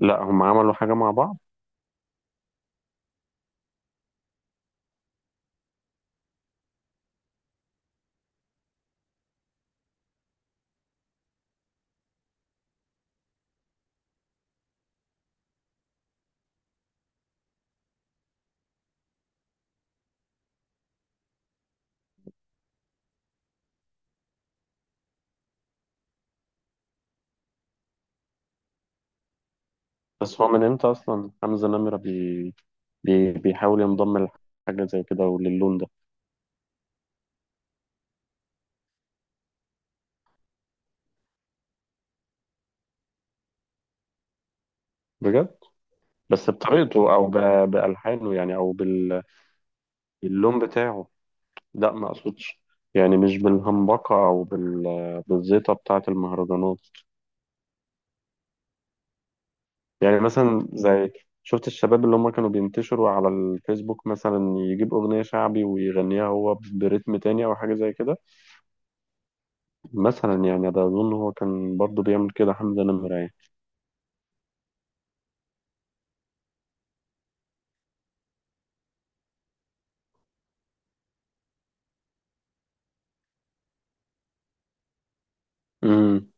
لا، هم عملوا حاجة مع بعض. بس هو من امتى أصلا حمزة نمرة بيحاول ينضم لحاجة زي كده وللون ده؟ بجد. بس بطريقته أو بألحانه يعني، أو باللون بتاعه. لا، ما أقصدش. يعني مش بالهمبقة أو بالزيطة بتاعة المهرجانات. يعني مثلا زي، شفت الشباب اللي هم كانوا بينتشروا على الفيسبوك مثلا يجيب أغنية شعبي ويغنيها هو برتم تاني أو حاجة زي كده. مثلا يعني، ده أظن هو كان برضه بيعمل كده حمزة نمرة يعني. امم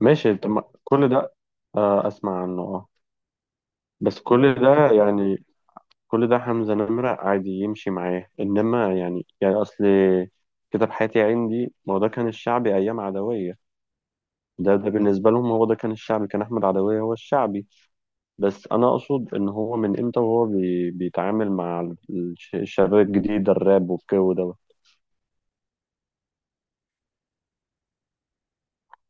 ماشي، طب كل ده. آه، اسمع عنه، اه. بس كل ده يعني، كل ده حمزة نمرة عادي يمشي معاه، انما يعني اصل، كتاب حياتي يا عين دي ما هو ده كان الشعبي ايام عدوية. ده بالنسبة لهم هو ده كان الشعبي، كان احمد عدوية هو الشعبي. بس انا اقصد ان هو من امتى وهو بيتعامل مع الشباب الجديد، الراب والجو ده؟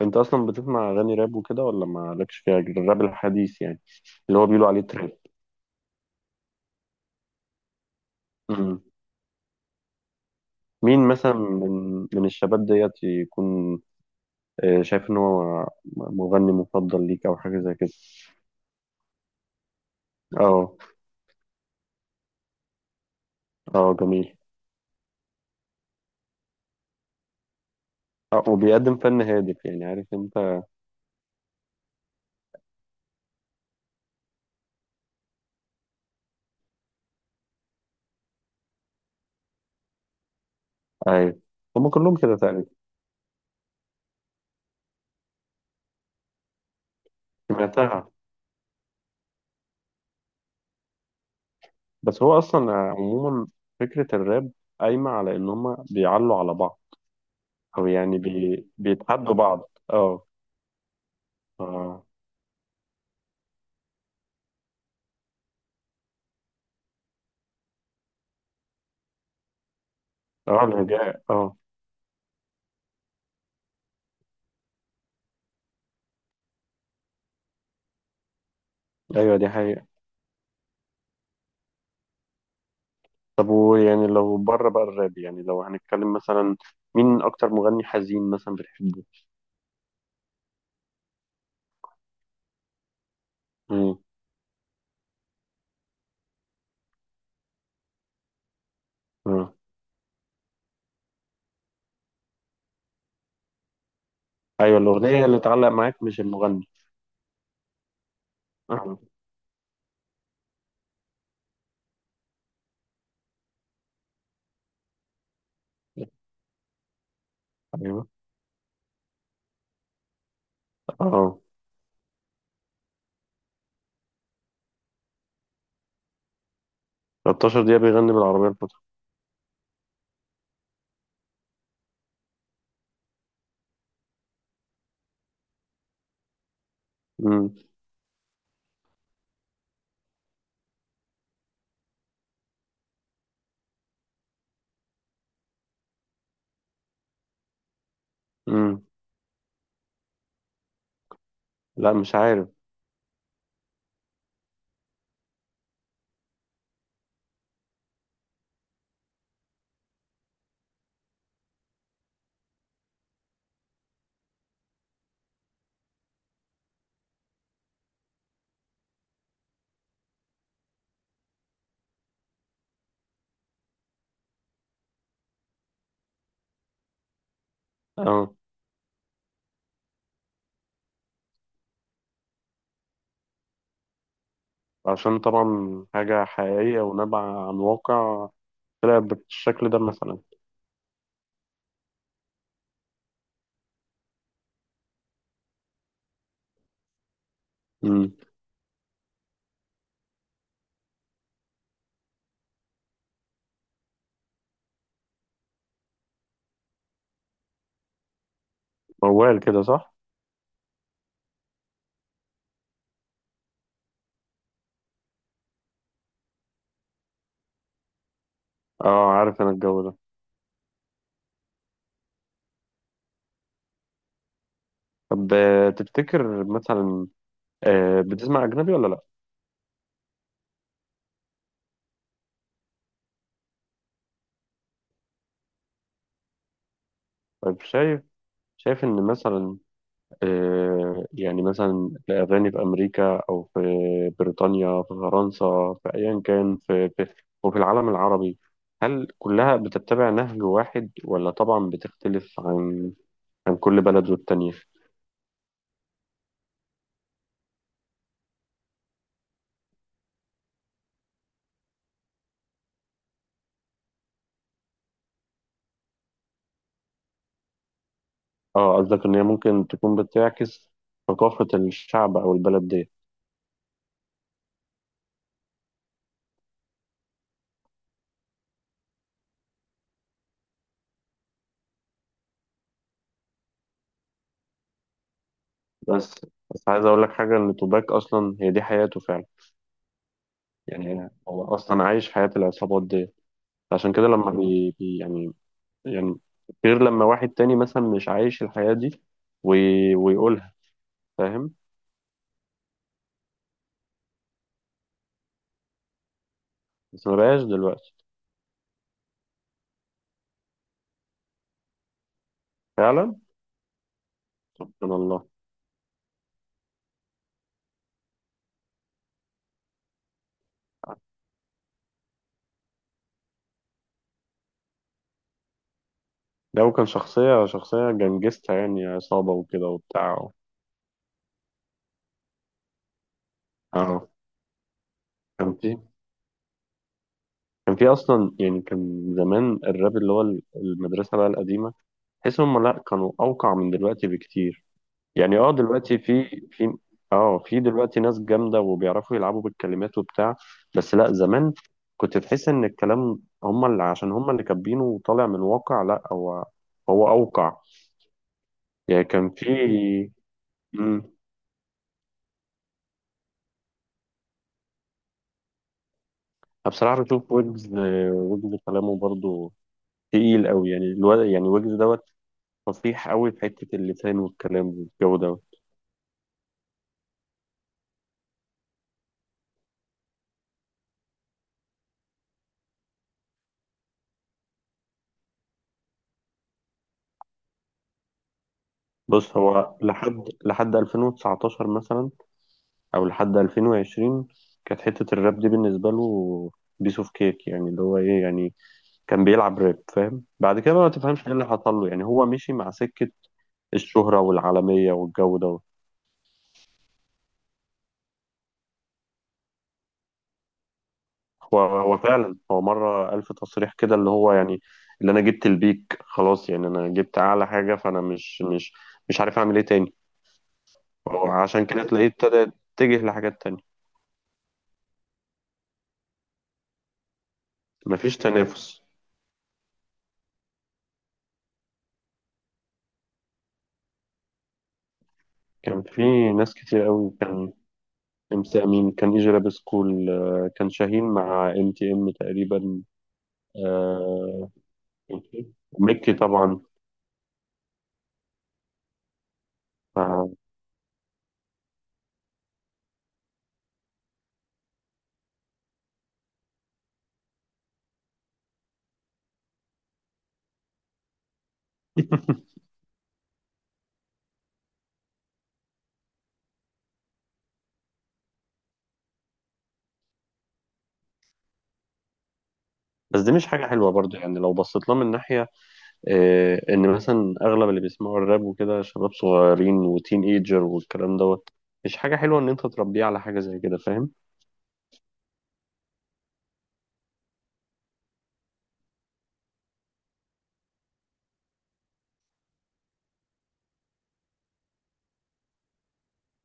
انت اصلا بتسمع اغاني راب وكده ولا مالكش فيها، الراب الحديث يعني، اللي هو بيقولوا عليه تراب؟ مين مثلا من الشباب ديت يكون، شايف ان هو مغني مفضل ليك او حاجه زي كده؟ اه، اه، جميل. آه، وبيقدم فن هادف يعني، عارف انت. ايوه، هما كلهم كده تقريبا. سمعتها. بس هو اصلا عموما، فكره الراب قايمه على ان هما بيعلوا على بعض، او يعني بيتحدوا بعض، اه اه. اه، الهجاء، اه. ايوه، دي حقيقه. طب ويعني، لو بره بقى الراب، يعني لو هنتكلم مثلا، مين اكتر مغني حزين مثلا بتحبه؟ مم. مم. ايوه، الاغنيه اللي تعلق معاك مش المغني. آه. ايوه. اه. 13 دقيقه بيغني بالعربيه الفاتحه؟ مم. مم. لا، مش عارف. اه. عشان طبعا حاجه حقيقيه ونابعه عن واقع، طلع بالشكل ده مثلا. مم. موال كده، صح؟ اه، عارف انا الجو ده. طب تفتكر مثلا، بتسمع اجنبي ولا لا؟ طيب شايف، ان مثلا يعني مثلا الأغاني في أمريكا أو في بريطانيا، في فرنسا، في أيا كان، وفي العالم العربي، هل كلها بتتبع نهج واحد ولا طبعا بتختلف عن كل بلد والتانية؟ اه، قصدك إن هي ممكن تكون بتعكس ثقافة الشعب أو البلد دي. بس بس عايز أقول لك حاجة، إن توباك أصلا هي دي حياته فعلا. يعني هو أصلا عايش حياة العصابات دي، عشان كده لما يعني، غير لما واحد تاني مثلا مش عايش الحياة دي ويقولها، فاهم؟ بس ما بقاش دلوقتي. فعلا. سبحان الله. لو كان شخصية جنجستها يعني، عصابة وكده وبتاع. اه. كان في كان في أصلا يعني، كان زمان الراب اللي هو المدرسة بقى القديمة، تحس هم لأ كانوا أوقع من دلوقتي بكتير. يعني، دلوقتي في اه في دلوقتي ناس جامدة وبيعرفوا يلعبوا بالكلمات وبتاع، بس لا، زمان كنت تحس ان الكلام هم اللي، عشان هم اللي كاتبينه وطالع من الواقع، لا هو اوقع. يعني كان في. مم. أنا بصراحة بشوف ويجز، ويجز كلامه برضو تقيل قوي يعني الواد، يعني ويجز دوت، فصيح قوي في حتة اللسان والكلام والجو ده. بص هو لحد 2019 مثلا او لحد 2020، كانت حتة الراب دي بالنسبة له بيس اوف كيك، يعني اللي هو ايه يعني، كان بيلعب راب، فاهم؟ بعد كده بقى ما تفهمش ايه اللي حصل له، يعني هو مشي مع سكة الشهرة والعالمية والجو ده. هو فعلا، هو مرة ألف تصريح كده، اللي هو يعني، اللي انا جبت البيك، خلاص، يعني انا جبت اعلى حاجة، فانا مش عارف اعمل ايه تاني. هو عشان كده تلاقيه ابتدى يتجه لحاجات تانية. مفيش تنافس. كان في ناس كتير قوي، كان، ام سي امين، كان يجي لابس كول، كان شاهين مع ام تي ام تقريبا. آه، ميكي طبعا. مع- بس دي مش حاجة حلوة برضه، يعني لو بصيت لها من ناحية، إن مثلا أغلب اللي بيسمعوا الراب وكده شباب صغيرين وتين ايجر والكلام دوت، مش حاجة حلوة إن أنت تربيه على حاجة زي كده، فاهم؟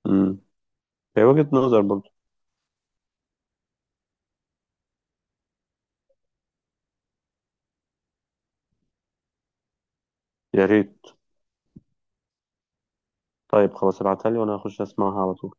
امم، هي وجهة نظر برضه. يا ريت. طيب خلاص، ابعتها لي وأنا هخش أسمعها على طول.